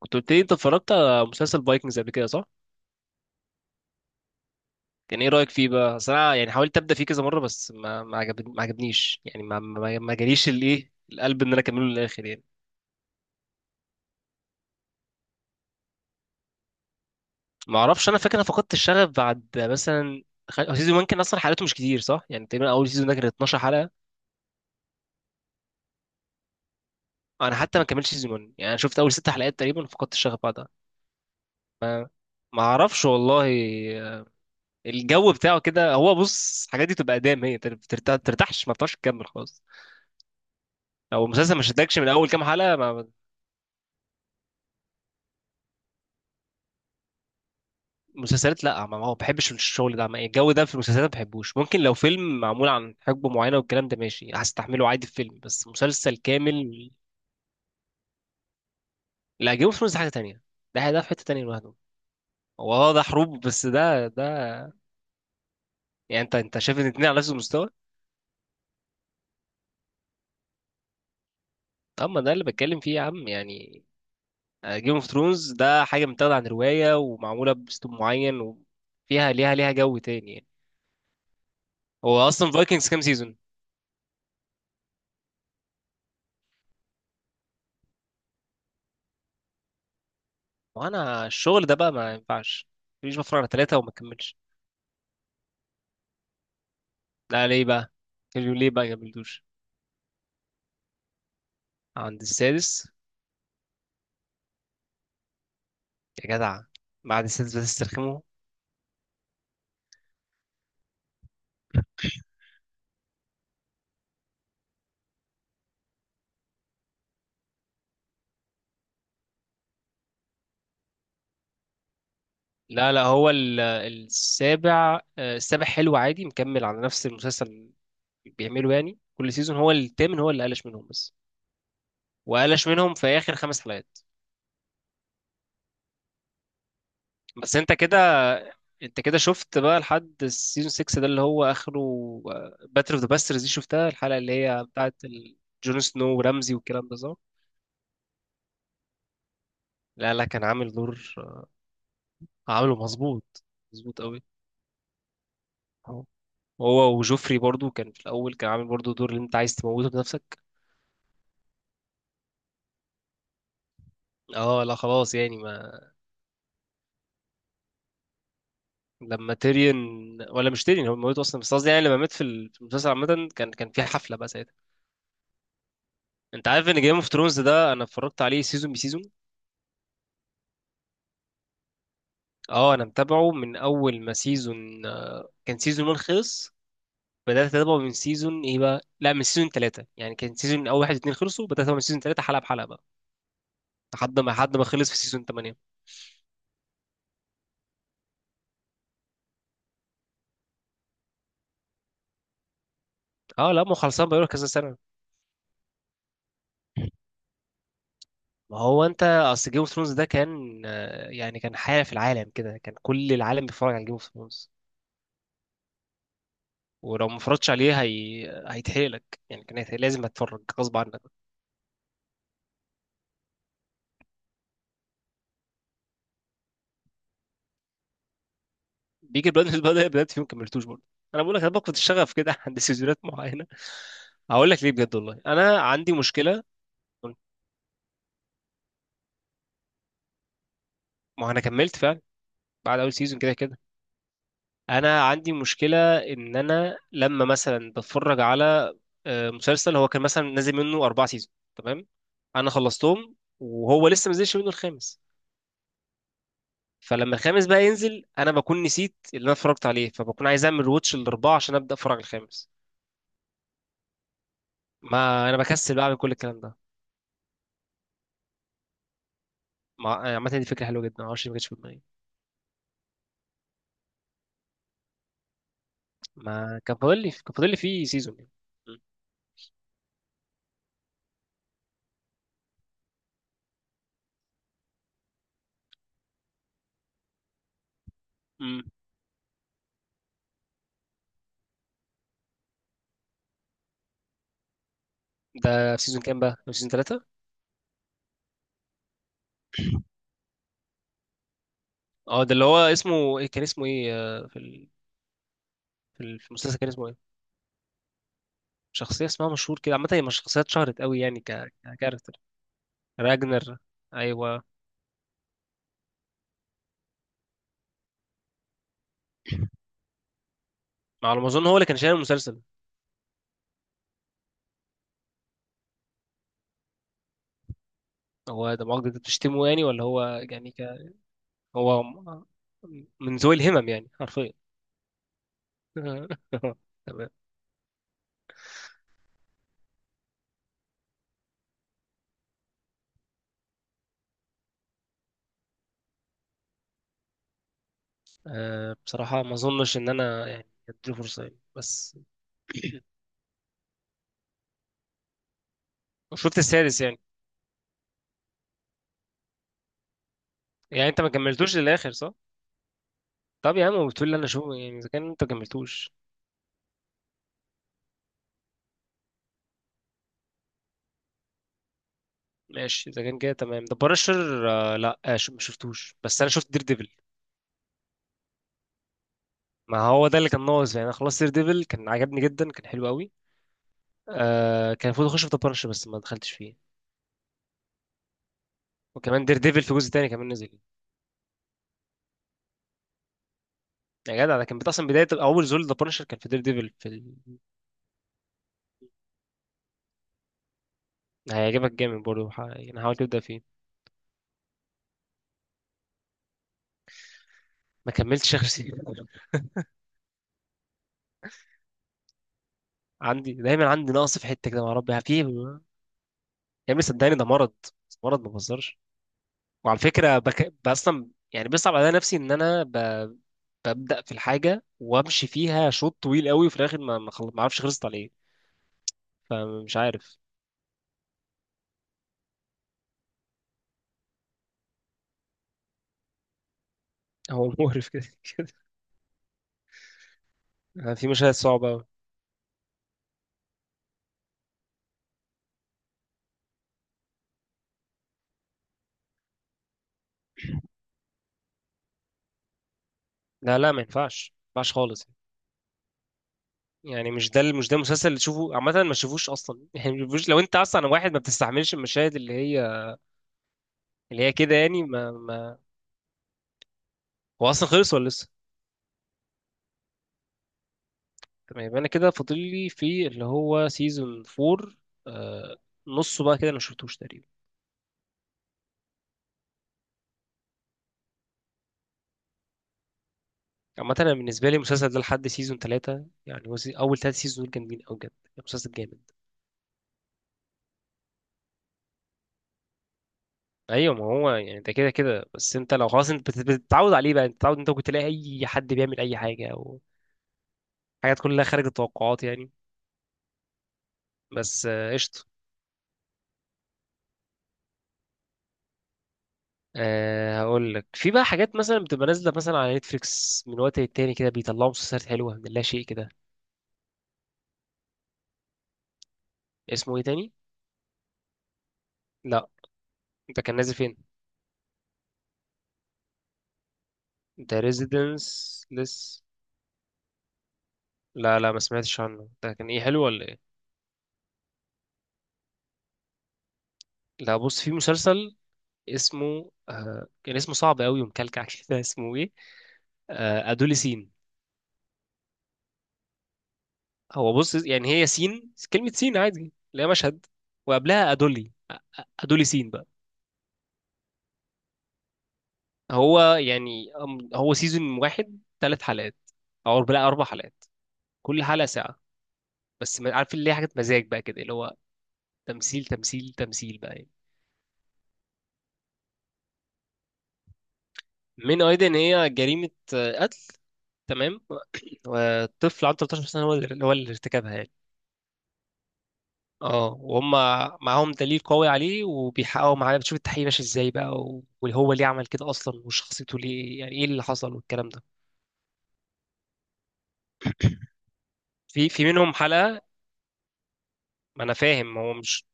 كنت قلت لي انت اتفرجت على مسلسل فايكنجز قبل كده صح؟ كان ايه رأيك فيه بقى؟ أصل انا يعني حاولت ابدا فيه كذا مرة بس ما عجبنيش يعني ما جاليش الايه القلب ان انا اكمله للاخر يعني. ما اعرفش، انا فاكر انا فقدت الشغف بعد مثلا. هو سيزون 1 كان اصلا حلقاته مش كتير صح؟ يعني تقريبا اول سيزون ده كان 12 حلقة. انا حتى ما كملتش سيزون 1، يعني انا شفت اول ست حلقات تقريبا فقدت الشغف بعدها. ما اعرفش والله. الجو بتاعه كده، هو بص، الحاجات دي تبقى ادام هي بترتاح ترتاحش، ما بتعرفش تكمل خالص. لو المسلسل ما شدكش من اول كام حلقه ما. مسلسلات لا ما بحبش الشغل ده، الجو ده في المسلسلات ما بحبوش. ممكن لو فيلم معمول عن حقبة معينة والكلام ده ماشي هستحمله عادي في فيلم، بس مسلسل كامل لا. جيم اوف ثرونز ده حاجة تانية، ده في حتة تانية لوحده. هو اه ده حروب بس ده. يعني انت شايف ان الاتنين على نفس المستوى. اما ده اللي بتكلم فيه يا عم يعني. آه، جيم اوف ثرونز ده حاجة متاخدة عن رواية ومعمولة بأسلوب معين وفيها ليها جو تاني يعني. هو اصلا فايكنجز كام سيزون. وانا الشغل ده بقى ما ينفعش، مش بفرج على ثلاثة وما كملش. لا ليه بقى، قالوا ليه بقى جابلتوش. عند السادس. يا جدع، بعد السادس بتسترخموا. لا لا، هو السابع آه، السابع حلو عادي، مكمل على نفس المسلسل اللي بيعمله يعني كل سيزون. هو التامن هو اللي قلش منهم بس، وقلش منهم في اخر خمس حلقات. بس انت كده، انت كده شفت بقى لحد السيزون 6 ده اللي هو اخره. باتل اوف ذا باسترز دي شفتها، الحلقه اللي هي بتاعت جون سنو ورمزي والكلام ده صح؟ لا لا، كان عامل دور. عامله مظبوط، مظبوط قوي. أهو. هو وجوفري برضو كان في الاول كان عامل برضو دور اللي انت عايز تموته بنفسك. اه لا خلاص يعني ما. لما تيريون، ولا مش تيريون هو موته اصلا، بس قصدي يعني لما مات في في المسلسل عامه، كان كان في حفله بقى ساعتها. انت عارف ان جيم اوف ثرونز ده انا اتفرجت عليه سيزون بسيزون. اه انا متابعه من اول ما سيزون، كان سيزون 1 خلص، بدات اتابعه من سيزون ايه بقى، لا من سيزون 3، يعني كان سيزون اول واحد اتنين خلصوا، بدات اتابعه من سيزون 3 حلقه بحلقه بقى، لحد ما خلص في سيزون 8. اه لا، ما هو خلصان بقاله كذا سنه. ما هو انت اصل جيم اوف ثرونز ده كان آه، يعني كان حاجه في العالم كده، كان كل العالم بيتفرج على جيم اوف ثرونز. ولو ما اتفرجتش عليه هي... هيتحرق لك، يعني كان هيتحرق. لازم هتتفرج غصب عنك. بيجي البلد بدأ بدأت فيهم كملتوش برضه. انا بقول لك انا فقدت الشغف كده عند سيزونات معينه. هقول لك ليه بجد والله، انا عندي مشكله. ما هو انا كملت فعلا بعد اول سيزون كده كده. انا عندي مشكله ان انا لما مثلا بتفرج على آه، مسلسل هو كان مثلا نازل منه اربع سيزون تمام، انا خلصتهم وهو لسه ما نزلش منه الخامس، فلما الخامس بقى ينزل انا بكون نسيت اللي انا اتفرجت عليه، فبكون عايز اعمل روتش الاربعه عشان ابدا اتفرج على الخامس. ما انا بكسل بقى اعمل كل الكلام ده. مع عامه دي فكره حلوه جدا، ما اعرفش ليه ما جاتش في دماغي. ما كان فاضل لي كان فاضل لي فيه سيزون يعني. م- م. ده في سيزون كام بقى؟ في سيزون ثلاثة؟ اه ده اللي هو اسمه ايه، كان اسمه ايه آه، في في المسلسل كان اسمه ايه؟ شخصية اسمها مشهور كده عامة، هي مش شخصية اتشهرت قوي يعني ككاركتر. راجنر. أيوة. على ما أظن هو اللي كان شايل المسلسل. هو ده مؤاخذة أنت بتشتمه يعني ولا هو. يعني هو من ذوي الهمم يعني حرفيا. تمام. أه بصراحة ما أظنش إن أنا يعني أديله فرصة يعني بس. شفت السادس يعني. يعني أنت ما كملتوش للآخر صح؟ طب يا عم بتقول لي أنا شو يعني إذا كان أنت ما كملتوش. ماشي إذا كان كده تمام. ده بارشر آه لا آه شو، ما شفتوش، بس أنا شفت دير ديفل. ما هو ده اللي كان ناقص يعني، انا خلصت دير ديفل، كان عجبني جدا، كان حلو قوي. آه كان المفروض اخش في ذا بانشر بس ما دخلتش فيه. وكمان دير ديفل في جزء تاني كمان نزل. يا جدع ده كان اصلا بدايه اول زول ذا بانشر كان في دير ديفل في ال... هيعجبك جامد برضه، يعني حاول تبدا فيه. ما كملتش اخر سيزون. عندي دايما عندي نقص في حته كده مع ربي في يا ابني، صدقني ده مرض، مرض ما بهزرش. وعلى فكره اصلا يعني بيصعب عليا نفسي ان انا ببدا في الحاجه وامشي فيها شوط طويل قوي وفي الاخر ما اعرفش خلصت على ايه، فمش عارف. هو مقرف كده كده، في مشاهد صعبة أوي. لا لا، ما ينفعش خالص. يعني مش ده المسلسل اللي تشوفه عامة، ما تشوفوش أصلا. يعني ما تشوفوش لو أنت أصلا واحد ما بتستحملش المشاهد اللي هي كده يعني ما, ما هو أصلا خلص ولا لسه. تمام يبقى أنا كده فاضل لي في اللي هو سيزون 4. آه، نصه بقى كده أنا ما شفتوش تقريبا. عامة أنا بالنسبة لي المسلسل ده لحد سيزون 3 يعني، هو أول 3 سيزون دول جامدين أوي بجد، المسلسل جامد. ايوه ما هو يعني انت كده كده، بس انت لو خلاص انت بتتعود عليه بقى، انت بتتعود، انت ممكن تلاقي اي حد بيعمل اي حاجه او حاجات كلها خارج التوقعات يعني. بس آه، قشطه. أه هقول لك في بقى حاجات مثلا بتبقى نازله مثلا على نتفليكس من وقت للتاني كده، بيطلعوا مسلسلات حلوه من لا شيء كده. اسمه ايه تاني. لا. انت كان نازل فين. انت ريزيدنس. لس. لا لا ما سمعتش عنه، ده كان ايه حلو ولا ايه. لا بص، في مسلسل اسمه آه، كان اسمه صعب قوي ومكلكع كده. اسمه ايه، آه ادوليسين. هو بص يعني، هي سين كلمة سين عادي اللي هي مشهد، وقبلها أدولي، أدولي سين بقى. هو يعني هو سيزون واحد ثلاث حلقات، أو لا أربع حلقات، كل حلقة ساعة. بس عارف اللي هي حاجة مزاج بقى كده اللي هو تمثيل بقى يعني. من أيضا إن هي جريمة آه، قتل تمام. وطفل عنده 13 سنة هو اللي ارتكبها يعني. اه وهم معاهم دليل قوي عليه، وبيحققوا معاه، بتشوف التحقيق ماشي ازاي بقى، وهو ليه عمل كده اصلا، وشخصيته ليه، يعني ايه اللي حصل والكلام ده. في في منهم حلقه. ما انا فاهم هو مش،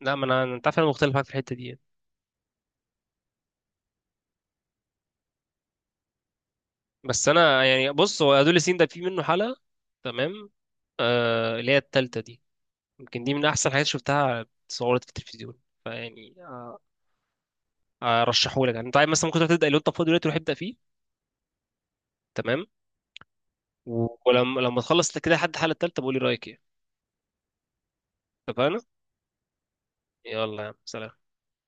لا ما انا، انت عارف انا مختلف معاك في الحته دي يعني. بس انا يعني بص، هو ادوليسين ده في منه حلقه، تمام، آه اللي هي التالتة دي، يمكن دي من احسن حاجات شفتها. اتصورت في التلفزيون فيعني آه، ارشحهولك، يعني انت عايز مثلا ممكن تروح تبدا، لو انت فاضي دلوقتي روح ابدا فيه. تمام. ولما تخلص كده لحد الحلقه التالتة بقول لي رايك ايه. اتفقنا. يلا يا عم سلام.